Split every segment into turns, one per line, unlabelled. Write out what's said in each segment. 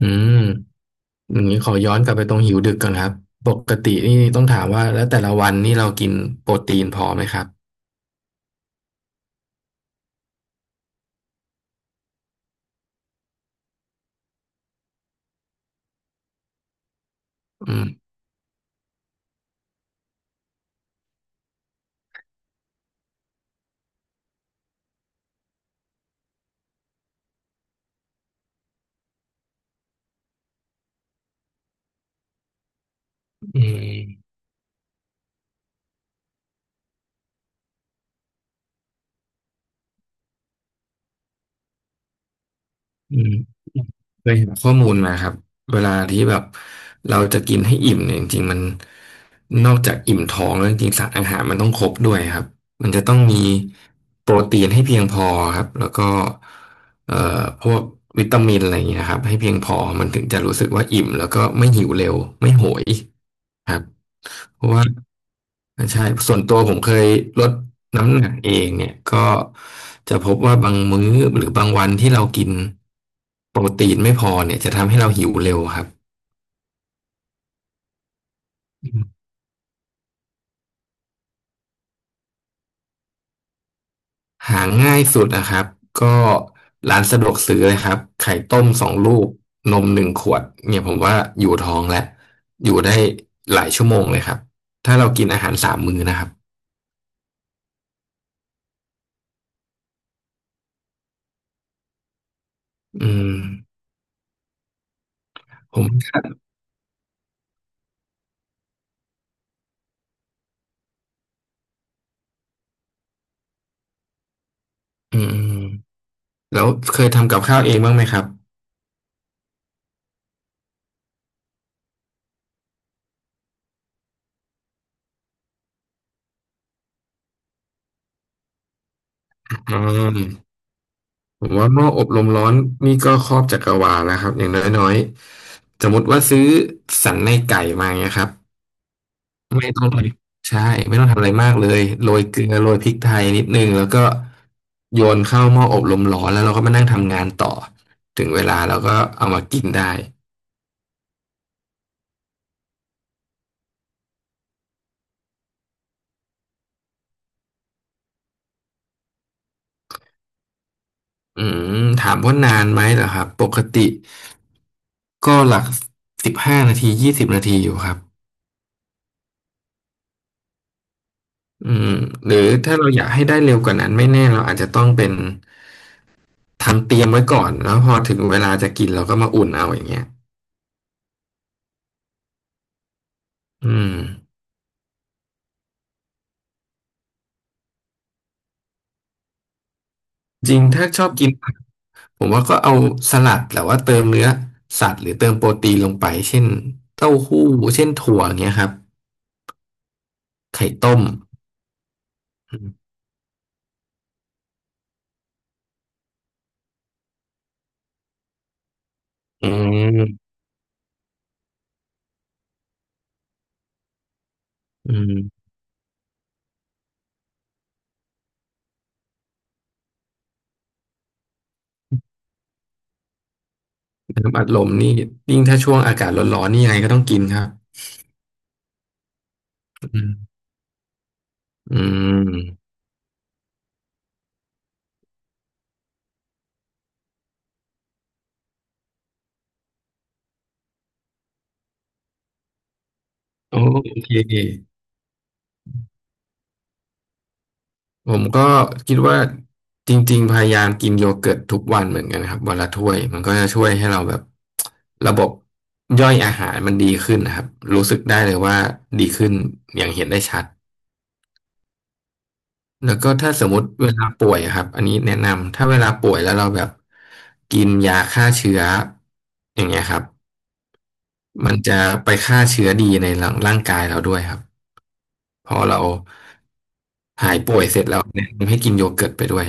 อืมอย่างนี้ขอย้อนกลับไปตรงหิวดึกก่อนครับปกตินี่ต้องถามว่าแล้วแต่ละวันนี่เรากินโปรตีนพอไหมครับอืมอืมอืมเคยเห็นข้อมูลมาครับเวลาที่แบบเราจะกินให้อิ่มเนี่ยจริงๆมันนอกจากอิ่มท้องแล้วจริงๆสารอาหารมันต้องครบด้วยครับมันจะต้องมีโปรตีนให้เพียงพอครับแล้วก็เอ่อพวกวิตามินอะไรอย่างเงี้ยครับให้เพียงพอมันถึงจะรู้สึกว่าอิ่มแล้วก็ไม่หิวเร็วไม่โหยครับ เพราะว่าใช่ส่วนตัวผมเคยลดน้ำหนักเองเนี่ยก็จะพบว่าบางมื้อหรือบางวันที่เรากินโปรตีนไม่พอเนี่ยจะทำให้เราหิวเร็วครับหาง่ายสุดนะครับก็ร้านสะดวกซื้อเลยครับไข่ต้มสองลูกนม1ขวดเนี่ยผมว่าอยู่ท้องแล้วอยู่ได้หลายชั่วโมงเลยครับถ้าเรากินอาหารสามมื้อนะครับอืมผมอืมแล้วเคยทำกับข้าวเองบ้างไหมครับอืม ผมว่าหม้ออบลมร้อนนี่ก็ครอบจักรวาลแล้วครับอย่างน้อยๆสมมติว่าซื้อสันในไก่มาเงี้ยครับไม่ต้องเลยใช่ไม่ต้องทำอะไรมากเลยโรยเกลือโรยพริกไทยนิดนึงแล้วก็โยนเข้าหม้ออบลมร้อนแล้วเราก็มานั่งทำงานต่อถึงเวลาเราก็เอามากินได้อืมถามว่านานไหมเหรอครับปกติก็หลัก15นาทียี่สิบนาทีอยู่ครับอืมหรือถ้าเราอยากให้ได้เร็วกว่านั้นไม่แน่เราอาจจะต้องเป็น ทำเตรียมไว้ก่อนแล้วพอถึงเวลาจะกินเราก็มาอุ่นเอาอย่างเงี้ยอืมจริงชอบกินผักผมว่าก็เอาสลัดแต่ว่าเติมเนื้อสัตว์หรือเติมโปรตีนลงไปเช่นเต้าหู้เช่นถั่วอย่างเงี้ยครับไข่ต้มอืมอืมน้ำอัดลมนี่ยิ่งถ้าช่วงอากาศร้อนๆนี่ยังไงก็ต้องกินครับอืมอืมโอเค ผมก็คิดว่าจริงๆพยายามกินโยเกิร์ตทุกวันเหมือนกันนะครับวันละถ้วยมันก็จะช่วยให้เราแบบระบบย่อยอาหารมันดีขึ้นนะครับรู้สึกได้เลยว่าดีขึ้นอย่างเห็นได้ชัดแล้วก็ถ้าสมมติเวลาป่วยอะครับอันนี้แนะนำถ้าเวลาป่วยแล้วเราแบบกินยาฆ่าเชื้ออย่างเงี้ยครับมันจะไปฆ่าเชื้อดีในร่างกายเราด้วยครับพอเราหายป่วยเสร็จแล้วแนะนำให้กินโยเกิร์ตไปด้วย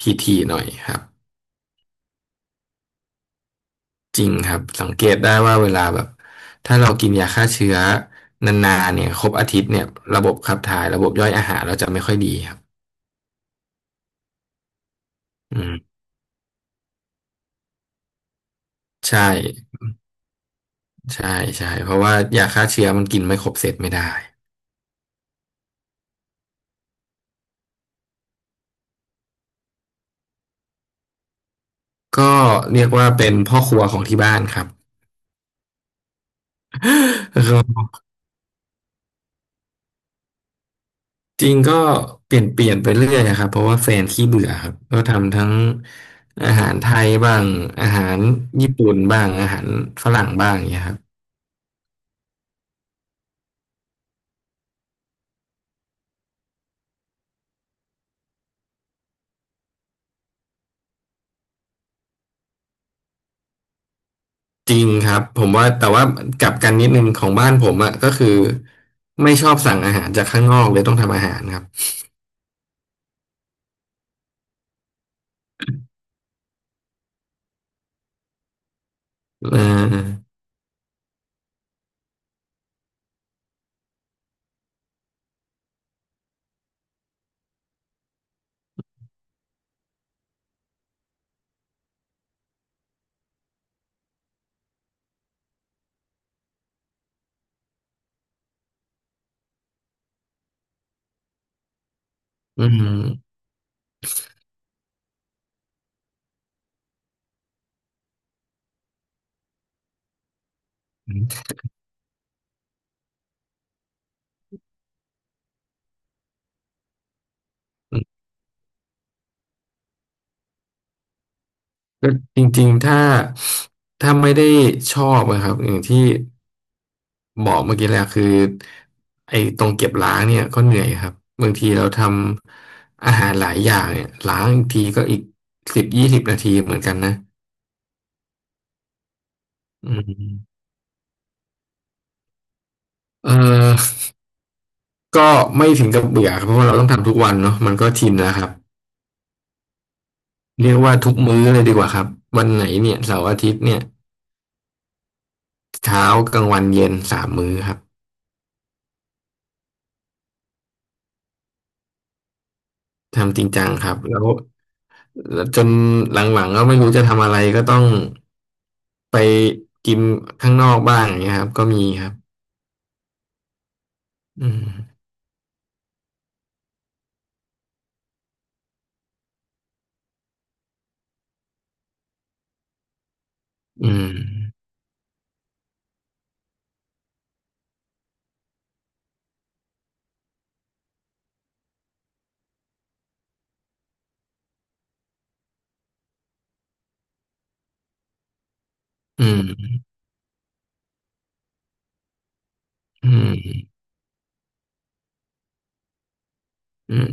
พีทีหน่อยครับ จริงครับสังเกตได้ว่าเวลาแบบถ้าเรากินยาฆ่าเชื้อนานๆเนี่ยครบอาทิตย์เนี่ยระบบขับถ่ายระบบย่อยอาหารเราจะไม่ค่อยดีครับอืมใช่ใช่ใช่เพราะว่ายาฆ่าเชื้อมันกินไม่ครบเสร็จไม่ได้ก็เรียกว่าเป็นพ่อครัวของที่บ้านครับ ก็จริงก็เปลี่ยนไปเรื่อยนะครับเพราะว่าแฟนขี้เบื่อครับก็ทำทั้งอาหารไทยบ้างอาหารญี่ปุ่นบ้างอาหารฝรั่งบ้างอย่างเงี้ยครับ จริงครับผมว่าแต่ว่ากลับกันนิดนึงของบ้านผมอะก็คือไม่ชอบสั่งอาหารจากข้างนอกเลยต้องทำอาหารครับเอออืมก็จริงๆถ้าไม่ได้ชอบนะครับอย่างที่บอกเมื่อกี้แหละคือไอ้ตรงเก็บล้างเนี่ยก็เหนื่อยครับบางทีเราทำอาหารหลายอย่างเนี่ยล้างอีกทีก็อีกสิบยี่สิบนาทีเหมือนกันนะอืมเออก็ไม่ถึงกับเบื่อครับเพราะว่าเราต้องทำทุกวันเนาะมันก็ชินแล้วครับ เรียกว่าทุกมื้อเลยดีกว่าครับวันไหนเนี่ยเสาร์อาทิตย์เนี่ยเช้ากลางวันเย็นสามมื้อครับทำจริงจังครับแล้วจนหลังๆก็ไม่รู้จะทำอะไรก็ต้องไปกินข้างนอกบ้างอย่างเงี้ยครับก็มีครับอืมอืมอืมอืมอืม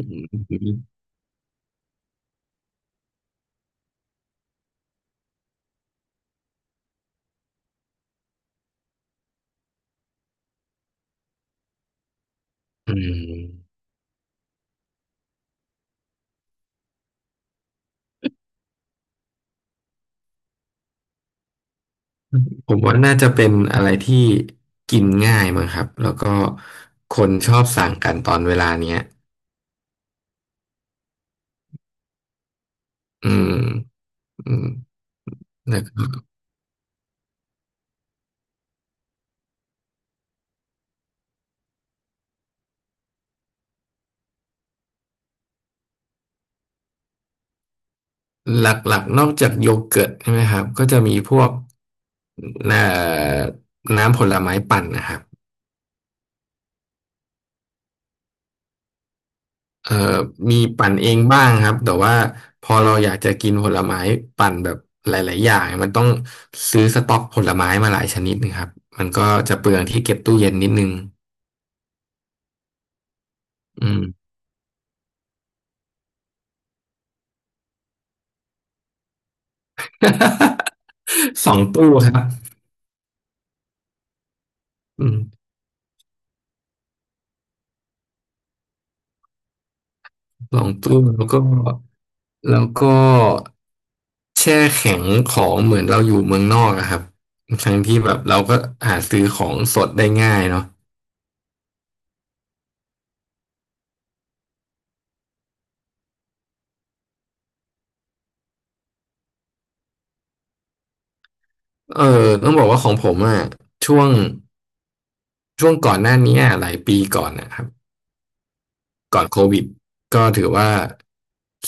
อืมผมว่าน่าจะเป็นอะไรที่กินง่ายมั้งครับแล้วก็คนชอบสั่งกันตอนเวลาเนี้ยอืมอืมแล้ว หลักๆนอกจากโยเกิร์ตใช่ไหมครับก็จะมีพวกน่ะน้ำผลไม้ปั่นนะครับเอ่อมีปั่นเองบ้างครับแต่ว่าพอเราอยากจะกินผลไม้ปั่นแบบหลายๆอย่างมันต้องซื้อสต็อกผลไม้มาหลายชนิดนะครับมันก็จะเปลืองที่เก็บตู้เย็นนิดนึงอืม สองตู้ครับอืมสองตู้แล้วก็ แล้วก็แช่แข็งของเหมือนเราอยู่เมืองนอกอะครับทั้งที่แบบเราก็หาซื้อของสดได้ง่ายเนาะเออต้องบอกว่าของผมอะช่วงช่วงก่อนหน้านี้อะหลายปีก่อนนะครับ ก่อนโควิดก็ถือว่า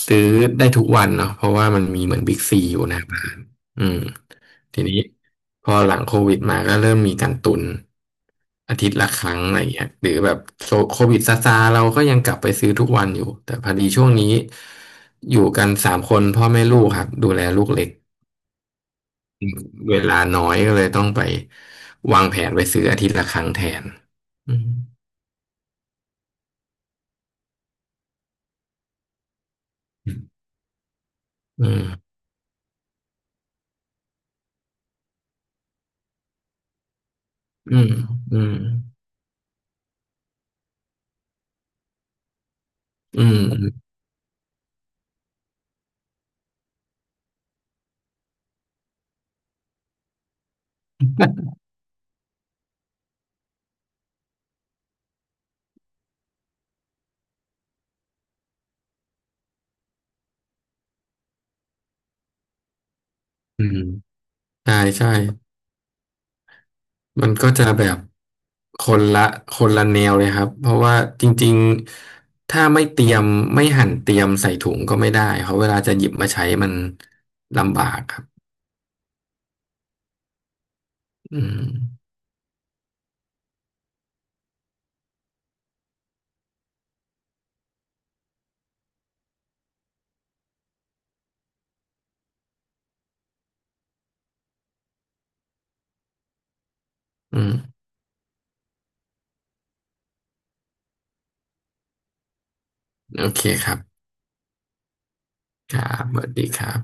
ซื้อได้ทุกวันเนาะเพราะว่ามันมีเหมือนบิ๊กซีอยู่หน้าบ้านอืมทีนี้พอหลังโควิดมาก็เริ่มมีการตุนอาทิตย์ละครั้งอะไรอย่างเงี้ยหรือแบบโควิดซาซาๆเราก็ยังกลับไปซื้อทุกวันอยู่แต่พอดีช่วงนี้อยู่กันสามคนพ่อแม่ลูกครับดูแลลูกเล็กเวลาน้อยก็เลยต้องไปวางแผนไปซื้ออาทิตย์ละครั้งแทนอืมอืมอืมอืมอืมอืม ใช่ใช่มันก็จะแบบคนละคนละแนวเลยครับ เพราะว่าจริงๆ ถ้าไม่เตรียมไม่หั่นเตรียมใส่ถุงก็ไม่ได้เพราะเวลาจะหยิบมาใช้มันลำบากครับอืมอืมโอเคครับครับสวัสดีครับ